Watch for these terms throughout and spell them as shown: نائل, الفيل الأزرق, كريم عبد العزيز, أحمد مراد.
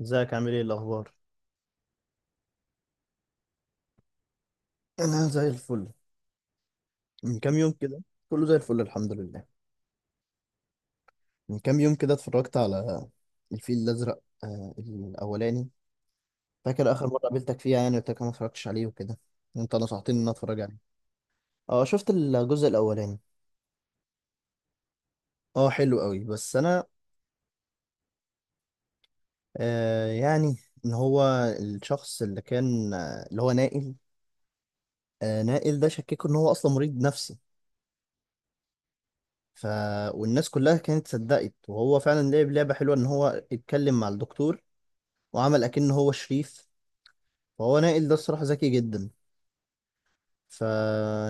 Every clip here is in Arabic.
ازيك، عامل ايه؟ الاخبار؟ انا زي الفل. من كام يوم كده، كله زي الفل، الحمد لله. من كام يوم كده اتفرجت على الفيل الازرق، الاولاني. فاكر اخر مره قابلتك فيها، يعني قلت لك أنا ما اتفرجتش عليه وكده. انت نصحتني ان أنا اتفرج عليه. اه، شفت الجزء الاولاني. اه، حلو قوي بس انا، يعني ان هو الشخص اللي كان، اللي هو نائل. نائل ده شككوا ان هو اصلا مريض نفسي. ف والناس كلها كانت صدقت، وهو فعلا لعب لعبه حلوه ان هو اتكلم مع الدكتور وعمل اكنه هو شريف. فهو نائل ده الصراحة ذكي جدا. ف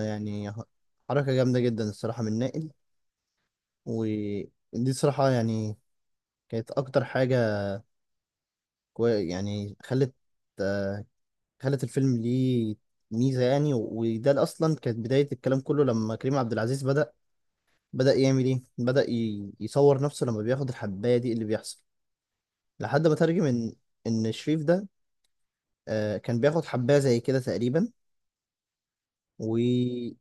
يعني حركة جامدة جدا الصراحة من نائل. ودي الصراحة يعني كانت اكتر حاجة. يعني آه، خلت الفيلم ليه ميزة، يعني وده اللي اصلا كانت بداية الكلام كله لما كريم عبد العزيز بدأ يعمل ايه، بدأ يصور نفسه لما بياخد الحباية دي اللي بيحصل، لحد ما ترجم ان ان شريف ده، كان بياخد حباية زي كده تقريبا، ويعني.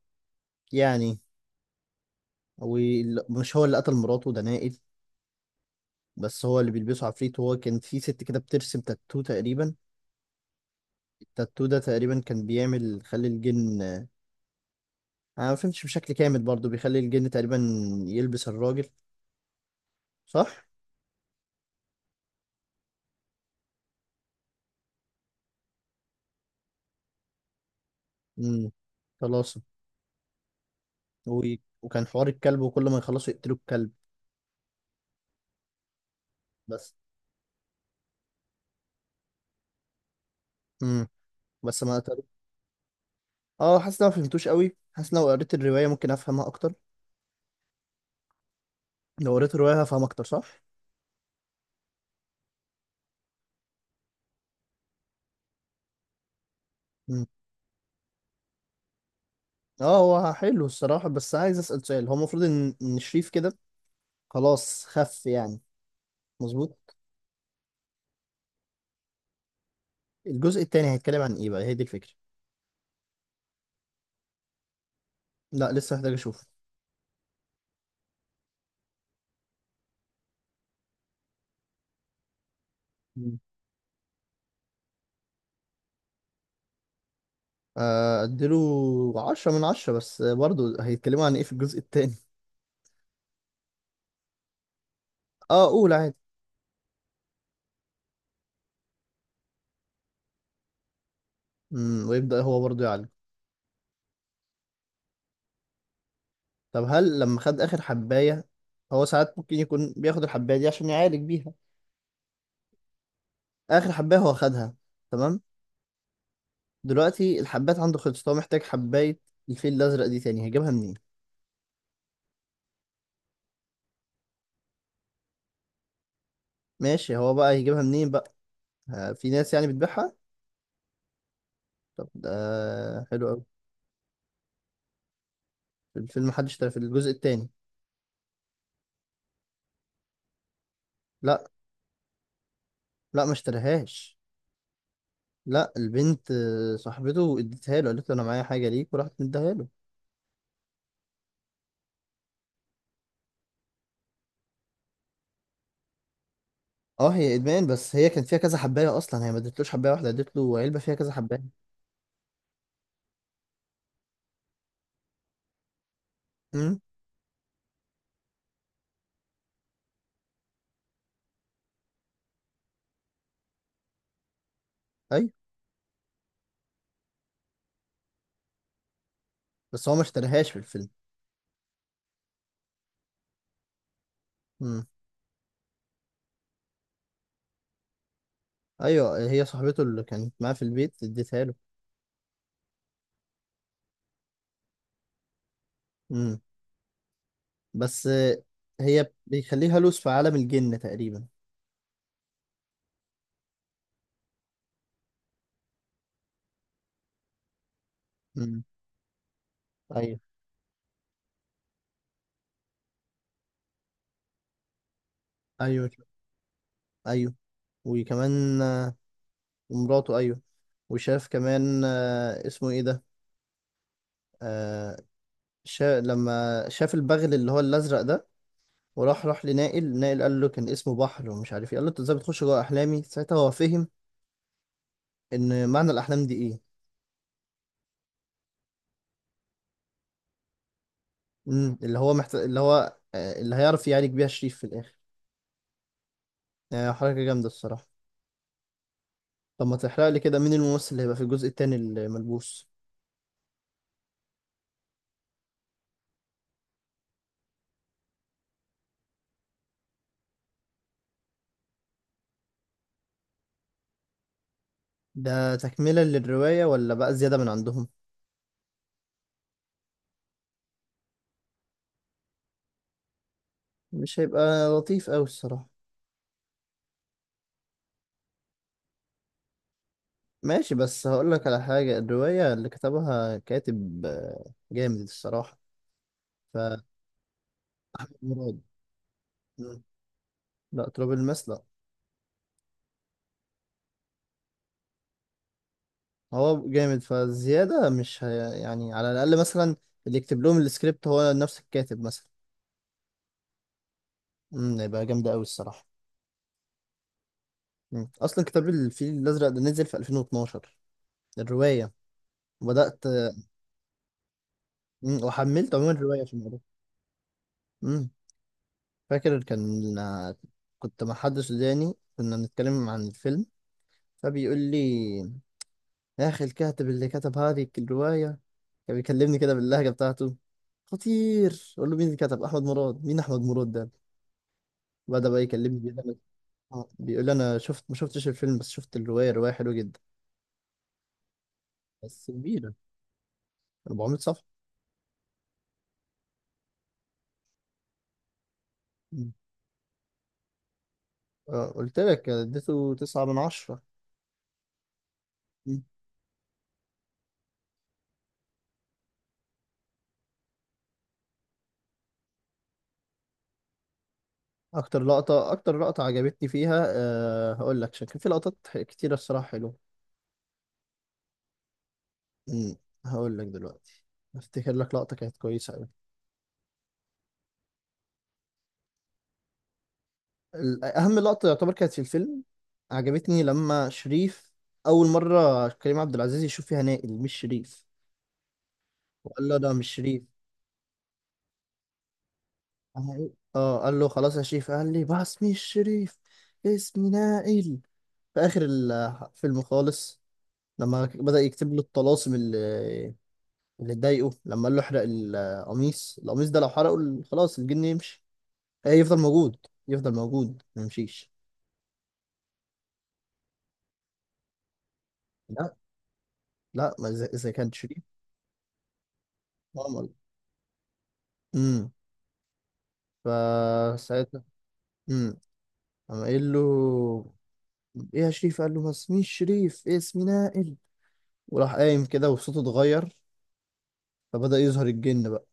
ومش هو اللي قتل مراته، ده نائل. بس هو اللي بيلبسه عفريت. هو كان في ست كده بترسم تاتو تقريبا. التاتو ده تقريبا كان بيعمل، خلي الجن، انا ما فهمتش بشكل كامل برضو، بيخلي الجن تقريبا يلبس الراجل، صح. امم خلاص. و... وكان حوار الكلب، وكل ما يخلصوا يقتلوا الكلب، بس. امم بس ما قتلوا. اه، حاسس إن أنا ما فهمتوش قوي، حاسس إن لو قريت الرواية ممكن افهمها اكتر. لو قريت الرواية هفهم اكتر، صح. امم اه، هو حلو الصراحة. بس عايز اسأل سؤال، هو المفروض ان إن شريف كده خلاص خف، يعني مظبوط؟ الجزء التاني هيتكلم عن ايه بقى؟ هي دي الفكرة. لا، لسه محتاج اشوف. مم. اديله 10 من 10. بس برضه هيتكلموا عن ايه في الجزء التاني؟ اه، قول عادي. ويبدأ هو برضه يعالج. طب، هل لما خد اخر حباية، هو ساعات ممكن يكون بياخد الحباية دي عشان يعالج بيها؟ اخر حباية هو خدها، تمام. دلوقتي الحبات عنده خلصت، هو محتاج حباية الفيل الازرق دي تاني، هيجيبها منين؟ ماشي، هو بقى هيجيبها منين بقى؟ في ناس يعني بتبيعها. طب ده حلو قوي. الفيلم، حد اشترى في الجزء التاني؟ لا، لا ما اشتراهاش. لا، البنت، صاحبته اديتها له، قالت له انا معايا حاجه ليك وراحت مديها له. اه هي ادمان، بس هي كان فيها كذا حبايه اصلا، هي ما ادتلوش حبايه واحده، ادت له علبه فيها كذا حبايه. امم، ايوه، بس هو ما اشتراهاش في الفيلم. امم، ايوه، هي صاحبته اللي كانت معاه في البيت اديتها له. امم بس، هي بيخليها لوس في عالم الجن تقريبا. امم، ايوه، ايوه، ايوه، وكمان. ومراته، ايوه. وشاف كمان، اسمه ايه ده، آه لما شاف البغل اللي هو الازرق ده. وراح لنائل. نائل قال له كان اسمه بحر، ومش عارف ايه. قال له انت ازاي بتخش جوه احلامي؟ ساعتها هو فهم ان معنى الاحلام دي ايه. اللي هو محت... اللي هو آه، اللي هيعرف يعالج بيها شريف في الاخر. حركه جامده الصراحه. طب، ما تحرق لي كده مين الممثل اللي هيبقى في الجزء التاني الملبوس. ده تكمله للروايه، ولا بقى زياده من عندهم؟ مش هيبقى لطيف قوي الصراحه. ماشي. بس هقول لك على حاجة، الرواية اللي كتبها كاتب جامد الصراحة. ف مراد. مم. لا، تراب الماس لا. هو جامد، فزيادة مش يعني على الأقل مثلا، اللي يكتب لهم السكريبت هو نفس الكاتب مثلا. هيبقى جامدة أوي الصراحة. مم. أصلا كتاب الفيل الأزرق ده نزل في 2012، الرواية. وبدأت. مم. وحملت عموما الرواية عشان أقرأها. مم. فاكر كان كنت مع حد سوداني، كنا بنتكلم عن الفيلم، فبيقول لي: يا أخي، الكاتب اللي كتب هذه الرواية، كان بيكلمني كده باللهجة بتاعته: خطير. أقول له: مين اللي كتب؟ أحمد مراد. مين أحمد مراد ده؟ بدأ بقى يكلمني، بيقول لي أنا شفت، ما شفتش الفيلم بس شفت الرواية، الرواية حلوة جدا، بس كبيرة، 400 صفحة. مم. قلت لك اديته 9 من 10. مم. أكتر لقطة عجبتني فيها، هقول لك عشان كان في لقطات كتيرة الصراحة حلوة. مم. هقول لك دلوقتي، أفتكر لك لقطة كانت كويسة أوي. أهم لقطة يعتبر كانت في الفيلم، عجبتني لما شريف أول مرة كريم عبد العزيز يشوف فيها نائل مش شريف. وقال له ده مش شريف. أنا إيه؟ اه، قال له خلاص يا شريف، قال لي بس مش شريف، اسمي نائل. في آخر الفيلم خالص، لما بدأ يكتب له الطلاسم اللي اتضايقه، لما قال له احرق القميص. القميص ده لو حرقه، خلاص الجن يمشي. إيه، يفضل موجود. يفضل موجود ما يمشيش. لا، لا، ما إذا كان شريف. امم فساعتها، امم قام قايل له: ايه يا شريف؟ قال له: ما اسميش شريف، إيه اسمي نائل. وراح قايم كده، وصوته اتغير، فبدأ يظهر الجن بقى.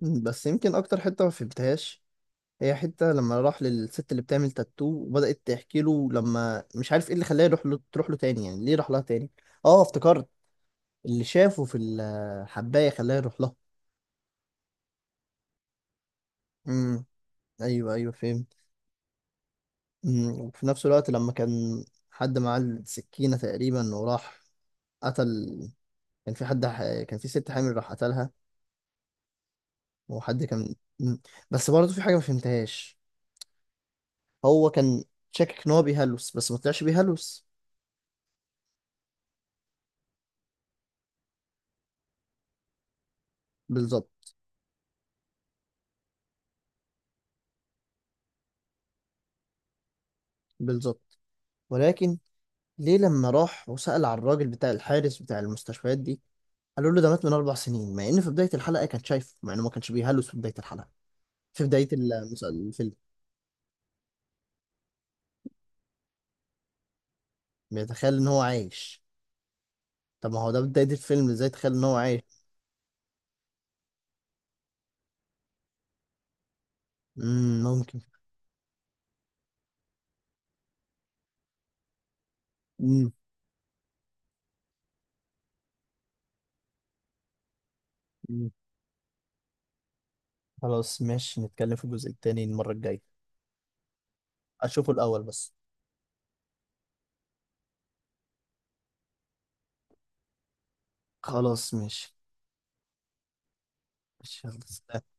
بس يمكن اكتر حتة ما فهمتهاش، هي حتة لما راح للست اللي بتعمل تاتو وبدأت تحكي له، لما مش عارف ايه اللي خلاه يروح له تروح له تاني، يعني ليه راح لها تاني. اه افتكرت، اللي شافه في الحباية خلاه يروح لها. امم، ايوه، ايوه، فهمت. وفي نفس الوقت، لما كان حد معاه السكينة تقريبا وراح قتل، كان في حد كان في ست حامل راح قتلها. وحد كان. بس برضه في حاجة ما فهمتهاش. هو كان شاكك إن هو بيهلوس، بس ما طلعش بيهلوس. بالظبط. بالظبط. ولكن ليه لما راح وسأل على الراجل بتاع الحارس بتاع المستشفيات دي، قالوا له ده مات من 4 سنين، مع إن في بداية الحلقة كان شايفه، مع إنه ما كانش بيهلوس في بداية الحلقة، في بداية الفيلم. بيتخيل إن هو عايش. طب ما هو ده بداية الفيلم، إزاي تخيل إن هو عايش؟ مم، ممكن. مم. مم. خلاص، ماشي، نتكلم في الجزء التاني المرة الجاية. اشوفه الاول بس. خلاص، ماشي. ماشي، يلا سلام.